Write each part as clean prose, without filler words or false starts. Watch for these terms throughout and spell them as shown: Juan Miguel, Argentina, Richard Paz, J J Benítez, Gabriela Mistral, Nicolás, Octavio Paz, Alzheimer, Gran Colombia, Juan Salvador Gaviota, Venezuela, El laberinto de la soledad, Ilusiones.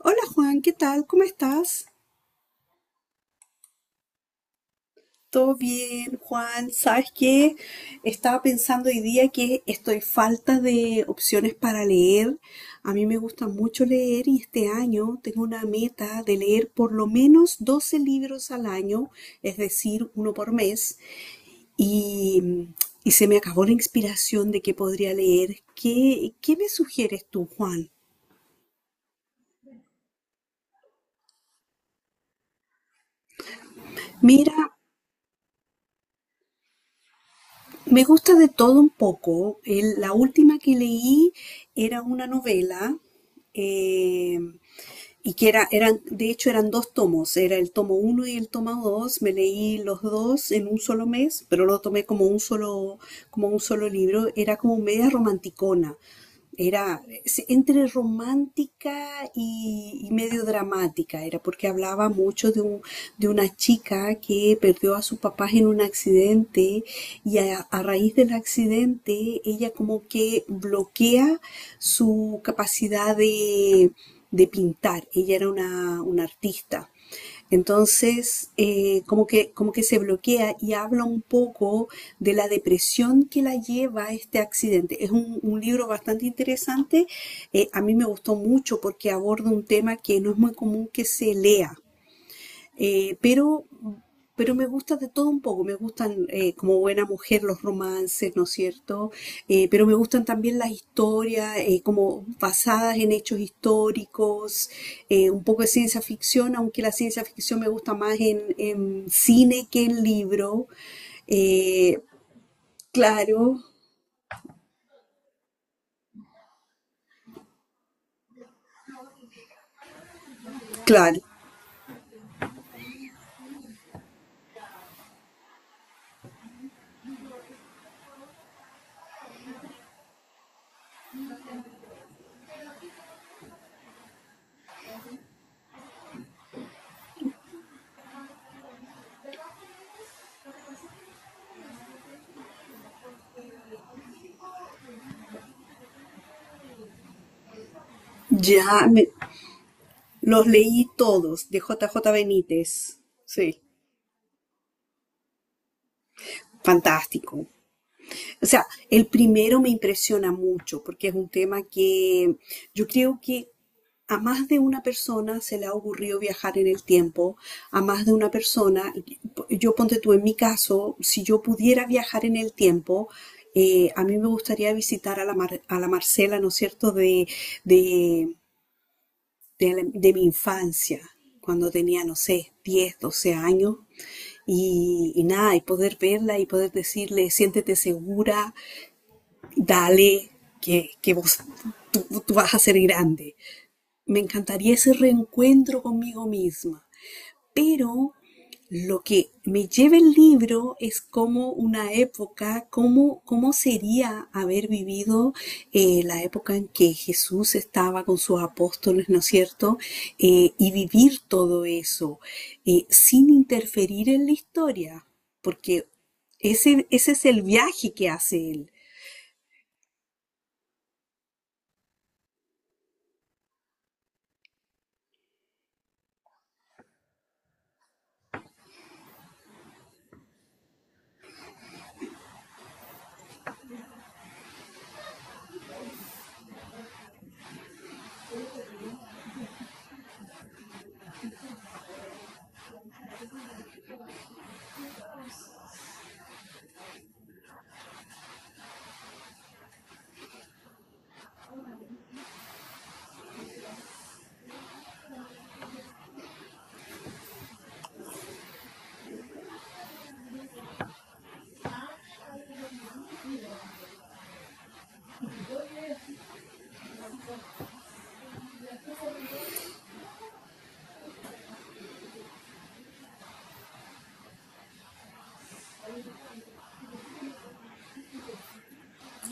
Hola Juan, ¿qué tal? ¿Cómo estás? ¿Todo bien, Juan? ¿Sabes qué? Estaba pensando hoy día que estoy falta de opciones para leer. A mí me gusta mucho leer y este año tengo una meta de leer por lo menos 12 libros al año, es decir, uno por mes. Y, y se me acabó la inspiración de qué podría leer. ¿Qué me sugieres tú, Juan? Mira, me gusta de todo un poco. La última que leí era una novela, eh, y que eran dos tomos, era el tomo uno y el tomo dos. Me leí los dos en un solo mes, pero lo tomé como un solo libro. Era como media romanticona, era entre romántica y medio dramática, era porque hablaba mucho de una chica que perdió a sus papás en un accidente y a raíz del accidente ella como que bloquea su capacidad de pintar. Ella era una artista. Entonces, como que se bloquea y habla un poco de la depresión que la lleva a este accidente. Es un libro bastante interesante. A mí me gustó mucho porque aborda un tema que no es muy común que se lea. Eh, pero, pero me gusta de todo un poco. Me gustan, como buena mujer, los romances, ¿no es cierto? Pero me gustan también las historias, como basadas en hechos históricos, un poco de ciencia ficción, aunque la ciencia ficción me gusta más en cine que en libro. Eh, claro, claro. Ya me- los leí todos de J J Benítez. Sí, fantástico. O sea, el primero me impresiona mucho porque es un tema que yo creo que a más de una persona se le ha ocurrido viajar en el tiempo, a más de una persona. Yo, ponte tú en mi caso, si yo pudiera viajar en el tiempo, a mí me gustaría visitar a la, a la Marcela, ¿no es cierto? De, de mi infancia, cuando tenía, no sé, 10, 12 años, y nada, y poder verla y poder decirle, siéntete segura, dale, que vos, tú vas a ser grande. Me encantaría ese reencuentro conmigo misma, pero lo que me lleva el libro es como una época, cómo sería haber vivido la época en que Jesús estaba con sus apóstoles, ¿no es cierto? Y vivir todo eso sin interferir en la historia, porque ese es el viaje que hace él.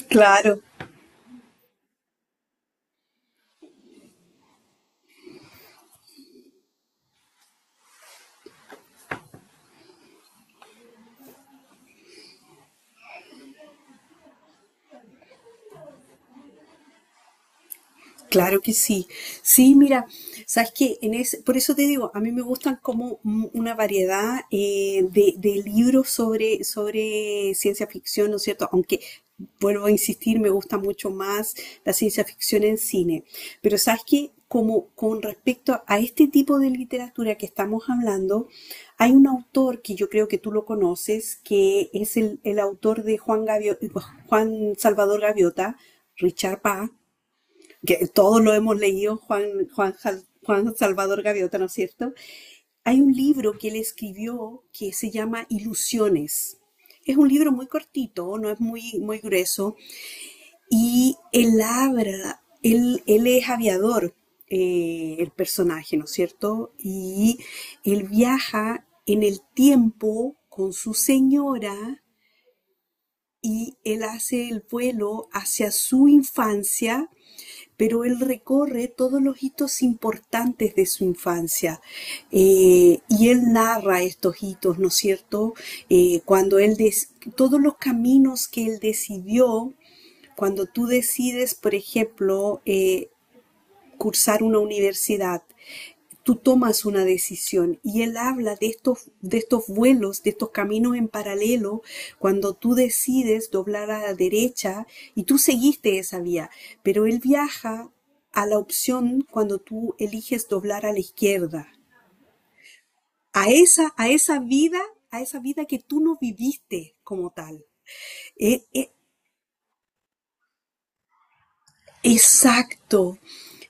Claro, claro que sí. Sí, mira, sabes que en ese, por eso te digo, a mí me gustan como una variedad de libros sobre ciencia ficción, ¿no es cierto? Aunque, vuelvo a insistir, me gusta mucho más la ciencia ficción en cine. Pero sabes que como con respecto a este tipo de literatura que estamos hablando, hay un autor que yo creo que tú lo conoces, que es el autor de Juan Salvador Gaviota, Richard Paz, que todos lo hemos leído. Juan, Juan Salvador Gaviota, ¿no es cierto? Hay un libro que él escribió que se llama Ilusiones. Es un libro muy cortito, no es muy, muy grueso, y él habla, él es aviador, el personaje, ¿no es cierto? Y él viaja en el tiempo con su señora y él hace el vuelo hacia su infancia, pero él recorre todos los hitos importantes de su infancia y él narra estos hitos, ¿no es cierto? Cuando él, todos los caminos que él decidió, cuando tú decides, por ejemplo, cursar una universidad, tú tomas una decisión. Y él habla de estos vuelos, de estos caminos en paralelo, cuando tú decides doblar a la derecha y tú seguiste esa vía, pero él viaja a la opción cuando tú eliges doblar a la izquierda, a esa vida, a esa vida que tú no viviste como tal. Eh, eh, exacto,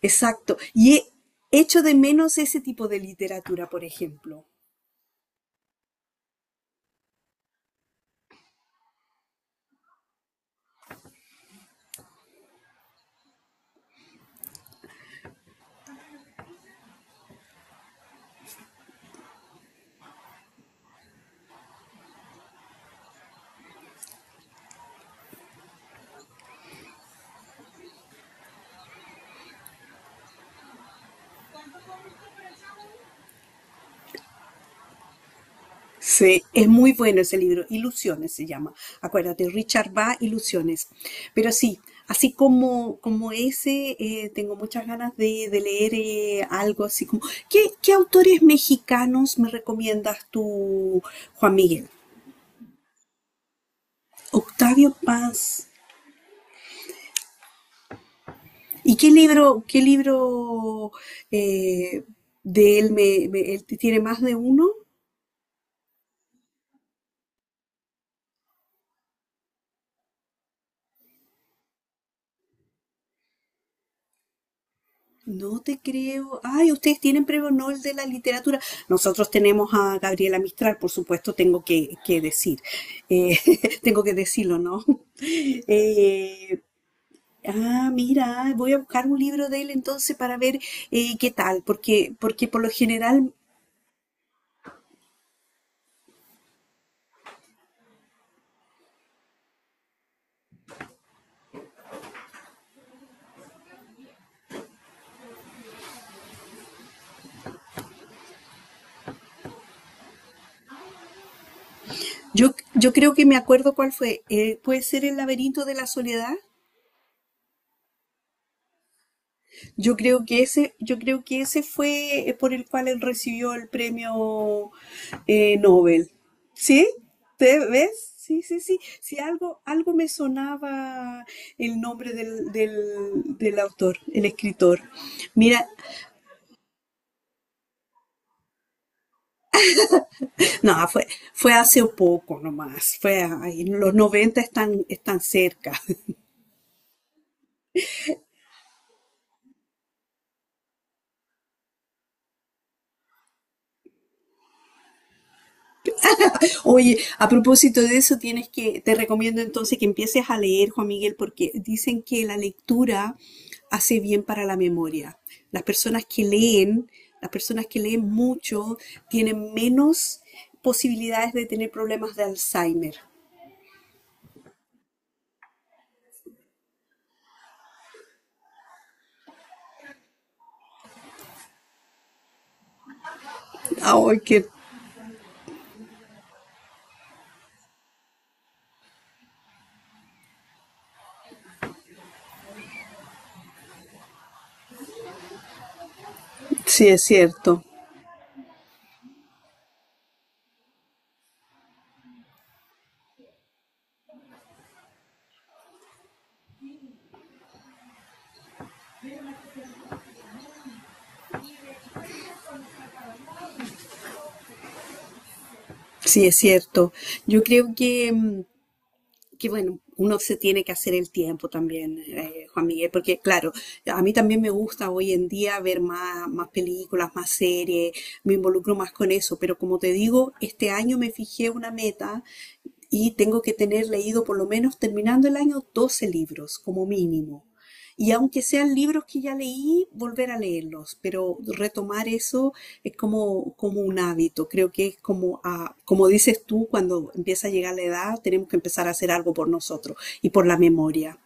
exacto. Echo de menos ese tipo de literatura, por ejemplo. Sí, es muy bueno ese libro, Ilusiones se llama. Acuérdate, Richard Va, Ilusiones. Pero sí, así como, como ese, tengo muchas ganas de leer algo así como... ¿Qué autores mexicanos me recomiendas tú, Juan Miguel? Octavio Paz. ¿Y qué libro eh, de él me, me- él tiene más de uno? No te creo. Ay, ustedes tienen premio Nobel de la literatura. Nosotros tenemos a Gabriela Mistral, por supuesto, tengo que decir. Eh, tengo que decirlo, ¿no? Eh, mira, voy a buscar un libro de él entonces para ver qué tal, porque por lo general yo creo que me acuerdo cuál fue. ¿Puede ser El laberinto de la soledad? Yo creo que ese fue por el cual él recibió el premio Nobel. ¿Sí? ¿Te ves? Sí, sí, sí. Sí, algo me sonaba el nombre del autor, el escritor. Mira, no, fue hace poco nomás. Fue ahí, los 90 están, están cerca. Oye, a propósito de eso, tienes te recomiendo entonces que empieces a leer, Juan Miguel, porque dicen que la lectura hace bien para la memoria. Las personas que leen, las personas que leen mucho, tienen menos posibilidades de tener problemas de Alzheimer. Ay, que sí es cierto, sí es cierto. Yo creo que que bueno, uno se tiene que hacer el tiempo también, Juan Miguel, porque claro, a mí también me gusta hoy en día ver más, más películas, más series. Me involucro más con eso, pero como te digo, este año me fijé una meta y tengo que tener leído por lo menos terminando el año 12 libros como mínimo. Y aunque sean libros que ya leí, volver a leerlos, pero retomar eso es como, como un hábito. Creo que es como, ah, como dices tú, cuando empieza a llegar la edad, tenemos que empezar a hacer algo por nosotros y por la memoria.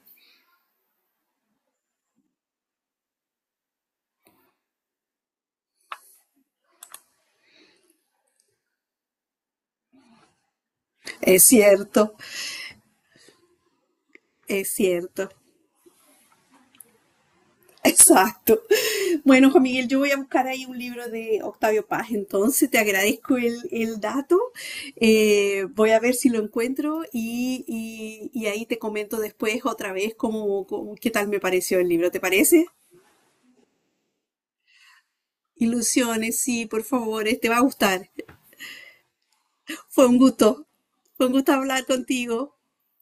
Es cierto, es cierto. Exacto. Bueno, Juan Miguel, yo voy a buscar ahí un libro de Octavio Paz, entonces te agradezco el dato. Voy a ver si lo encuentro y ahí te comento después otra vez qué tal me pareció el libro, ¿te parece? Ilusiones, sí, por favor, te va a gustar. Fue un gusto, fue un gusto hablar contigo.